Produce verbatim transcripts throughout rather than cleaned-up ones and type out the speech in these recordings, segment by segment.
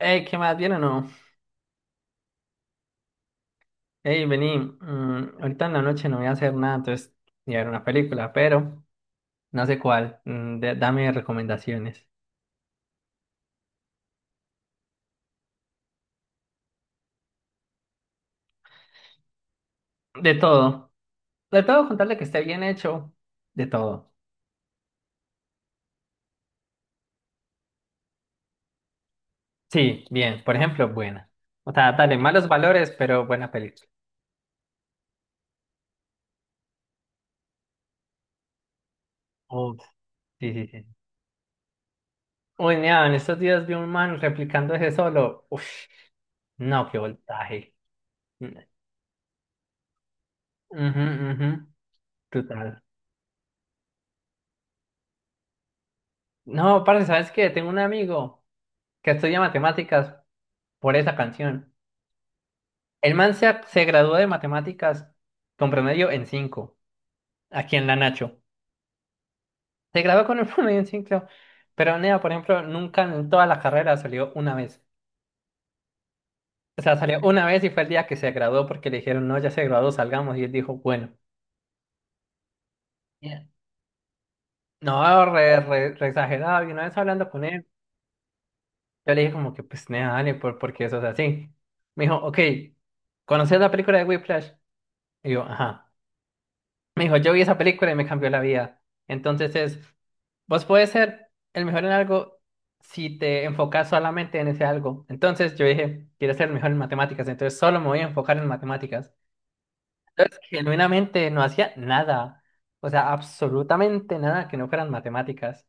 Ey, ¿qué más? ¿Bien o no? Ey, vení, mm, ahorita en la noche no voy a hacer nada, entonces voy a ver una película, pero no sé cuál. Mm, de- dame recomendaciones. De todo. De todo, contarle que esté bien hecho. De todo. Sí, bien. Por ejemplo, buena. O sea, dale, malos valores, pero buena película. Uf, sí, sí, sí. Uy, mira, en estos días vi un man replicando ese solo. Uf, no, qué voltaje. Mm, ujú, ujú, total. No, parce, ¿sabes qué? Tengo un amigo que estudia matemáticas por esa canción. El man se, se graduó de matemáticas con promedio en cinco. Aquí en la Nacho. Se graduó con un promedio en cinco, pero Nea, por ejemplo, nunca en toda la carrera salió una vez. O sea, salió una vez y fue el día que se graduó porque le dijeron, no, ya se graduó, salgamos. Y él dijo, bueno. Bien. No, re, re- re exagerado. Y una vez hablando con él, yo le dije como que, pues, Nea, dale, por, porque eso es así. Me dijo, ok, ¿conoces la película de Whiplash? Y yo, ajá. Me dijo, yo vi esa película y me cambió la vida. Entonces es, vos puedes ser el mejor en algo si te enfocas solamente en ese algo. Entonces yo dije, quiero ser el mejor en matemáticas, entonces solo me voy a enfocar en matemáticas. Entonces, genuinamente no hacía nada, o sea, absolutamente nada que no fueran matemáticas.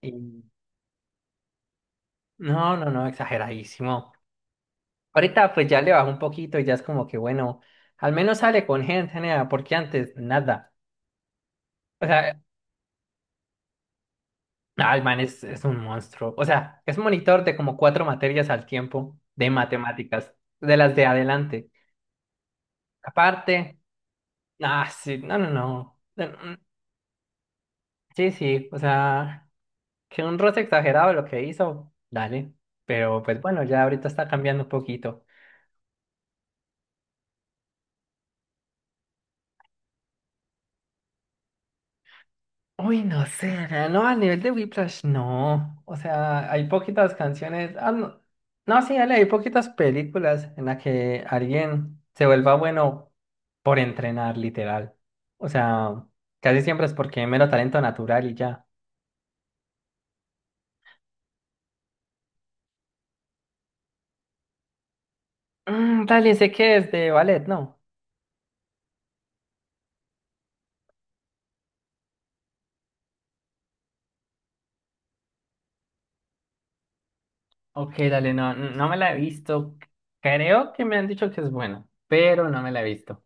Y no, no, no, exageradísimo. Ahorita pues ya le bajó un poquito y ya es como que bueno, al menos sale con gente, nea, porque antes nada. O sea, ah, el man es, es un monstruo. O sea, es monitor de como cuatro materias al tiempo de matemáticas, de las de adelante. Aparte, ah, sí, no, no, no. Eh, mm, Sí, sí, o sea, que un roce exagerado lo que hizo, dale. Pero pues bueno, ya ahorita está cambiando un poquito. Uy, no sé, na- no, a nivel de Whiplash, no. O sea, hay poquitas canciones. Ah, no. No, sí, dale, hay poquitas películas en las que alguien se vuelva bueno por entrenar, literal. O sea, casi siempre es porque hay mero talento natural y ya. Mm, dale, sé que es de ballet, ¿no? Ok, dale, no, no me la he visto. Creo que me han dicho que es buena, pero no me la he visto.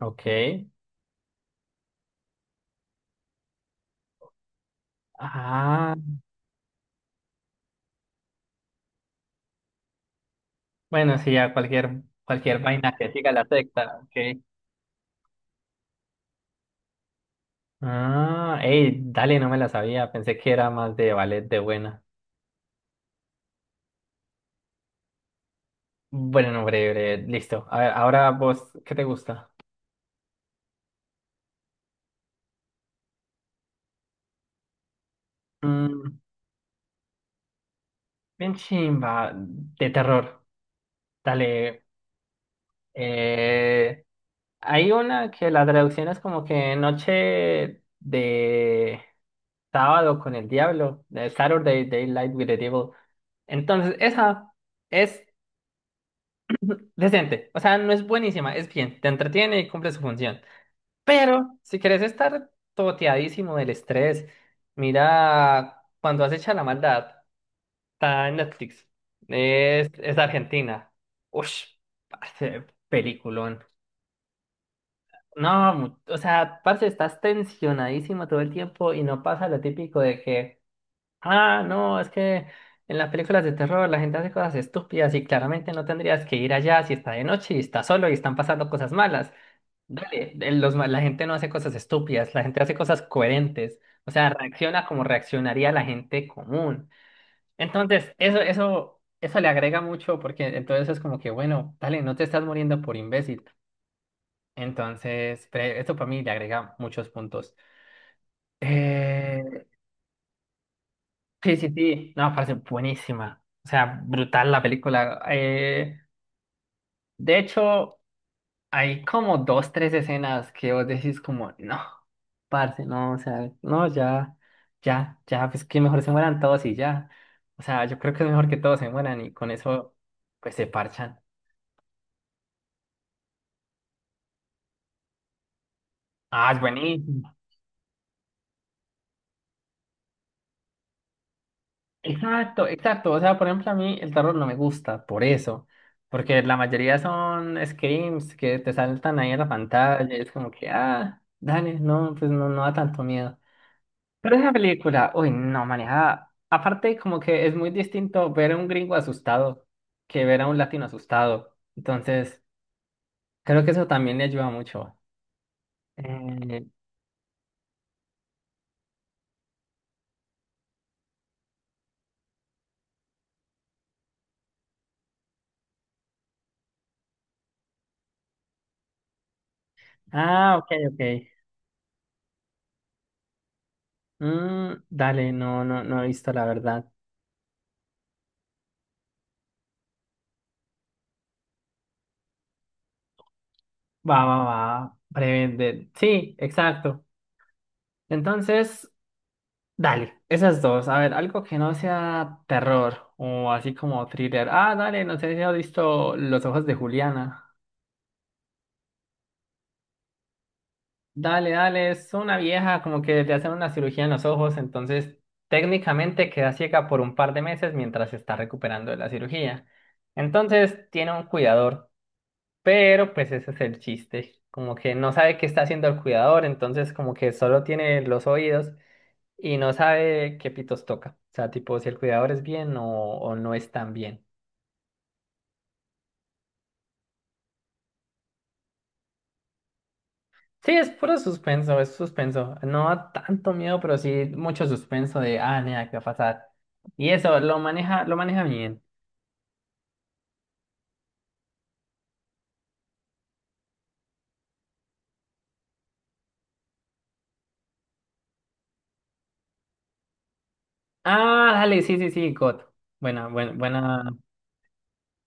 Ok. Ah, bueno, sí, ya cualquier, cualquier vaina que siga la secta, ok. Ah, hey, dale, no me la sabía. Pensé que era más de ballet de buena. Bueno, no, breve, breve, listo. A ver, ahora vos, ¿qué te gusta? Mm, bien chimba, de terror. Dale. eh, hay una que la traducción es como que noche de sábado con el diablo, de Saturday Daylight with the Devil. Entonces, esa es decente. O sea, no es buenísima, es bien. Te entretiene y cumple su función. Pero si querés estar toteadísimo del estrés, mira cuando acecha la maldad, está en Netflix. Es, es de Argentina. Ush, parce, peliculón. No, mu- o sea, parce, estás tensionadísimo todo el tiempo y no pasa lo típico de que, ah, no, es que en las películas de terror la gente hace cosas estúpidas y claramente no tendrías que ir allá si está de noche y está solo y están pasando cosas malas. Dale, el- los ma- la gente no hace cosas estúpidas, la gente hace cosas coherentes, o sea, reacciona como reaccionaría la gente común. Entonces, eso, eso, eso le agrega mucho porque entonces es como que, bueno, dale, no te estás muriendo por imbécil. Entonces, pre- esto para mí le agrega muchos puntos. Eh, sí, sí, sí, no, parece buenísima, o sea, brutal la película. Eh, de hecho, hay como dos, tres escenas que vos decís como, no. Parce, no, o sea, no, ya, ya, ya, pues que mejor se mueran todos y ya. O sea, yo creo que es mejor que todos se mueran y con eso, pues se parchan. Ah, es buenísimo. Exacto, exacto. O sea, por ejemplo, a mí el terror no me gusta, por eso. Porque la mayoría son screams que te saltan ahí en la pantalla. Y es como que, ah, dale, no, pues no, no da tanto miedo. Pero esa película, uy, no, manejada. Aparte, como que es muy distinto ver a un gringo asustado que ver a un latino asustado. Entonces, creo que eso también le ayuda mucho. Eh, ah, ok, ok. Mm, dale, no, no, no he visto la verdad. Va, va, va. Breve, de- Sí, exacto. Entonces, dale, esas dos. A ver, algo que no sea terror o así como thriller. Ah, dale, no sé si has visto Los ojos de Juliana. Dale, dale, es una vieja como que le hacen una cirugía en los ojos, entonces técnicamente queda ciega por un par de meses mientras se está recuperando de la cirugía. Entonces tiene un cuidador, pero pues ese es el chiste, como que no sabe qué está haciendo el cuidador, entonces como que solo tiene los oídos y no sabe qué pitos toca. O sea, tipo si el cuidador es bien o, o no es tan bien. Sí, es puro suspenso, es suspenso. No da tanto miedo, pero sí mucho suspenso de, ah, nada, ¿qué va a pasar? Y eso, lo maneja, lo maneja bien. Ah, dale, sí, sí, sí, God. Buena, buena, buena.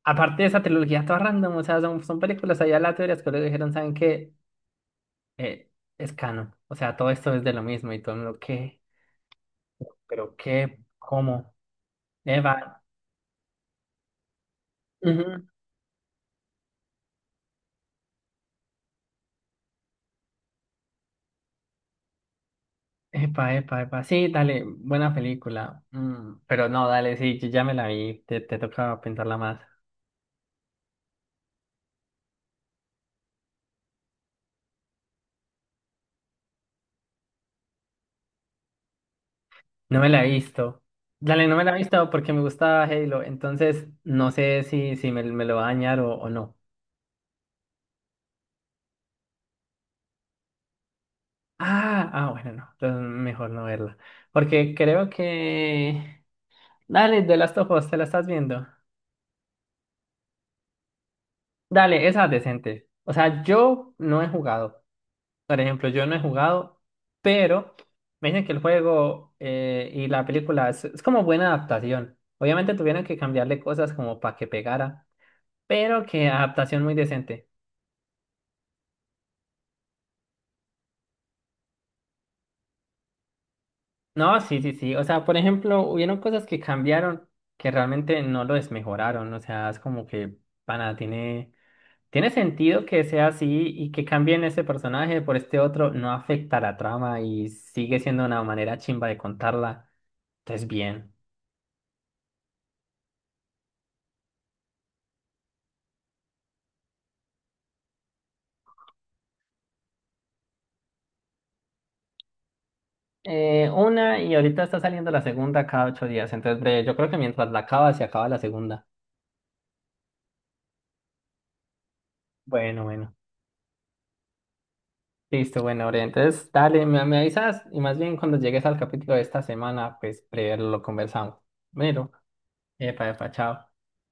Aparte de esa trilogía, toda random, o sea, son, son películas allá aleatorias que le dijeron, ¿saben qué? Eh, es canon. O sea, todo esto es de lo mismo y todo el mundo, ¿qué? ¿Pero qué? ¿Cómo? Eva. Ujú. Epa, epa, epa. Sí, dale, buena película. Mm, pero no, dale, sí, yo ya me la vi, te, te toca pensarla más. No me la he visto. Dale, no me la he visto porque me gusta Halo, entonces no sé si, si me, me lo va a dañar o, o no. Ah, ah, bueno, no, entonces mejor no verla. Porque creo que... Dale, The Last of Us, ¿te la estás viendo? Dale, esa es decente. O sea, yo no he jugado. Por ejemplo, yo no he jugado, pero me dicen que el juego eh, y la película es, es como buena adaptación. Obviamente tuvieron que cambiarle cosas como para que pegara, pero que adaptación muy decente. No, sí, sí, sí. O sea, por ejemplo, hubieron cosas que cambiaron que realmente no lo desmejoraron. O sea, es como que, pana, tiene, tiene sentido que sea así y que cambien ese personaje por este otro no afecta la trama y sigue siendo una manera chimba de contarla. Entonces, bien. Eh, una y ahorita está saliendo la segunda cada ocho días. Entonces, breve, yo creo que mientras la acaba, se acaba la segunda. Bueno, bueno. Listo, bueno, Ore, entonces dale, me, me avisas y más bien cuando llegues al capítulo de esta semana, pues primero lo conversamos. Bueno, epa, epa, chao.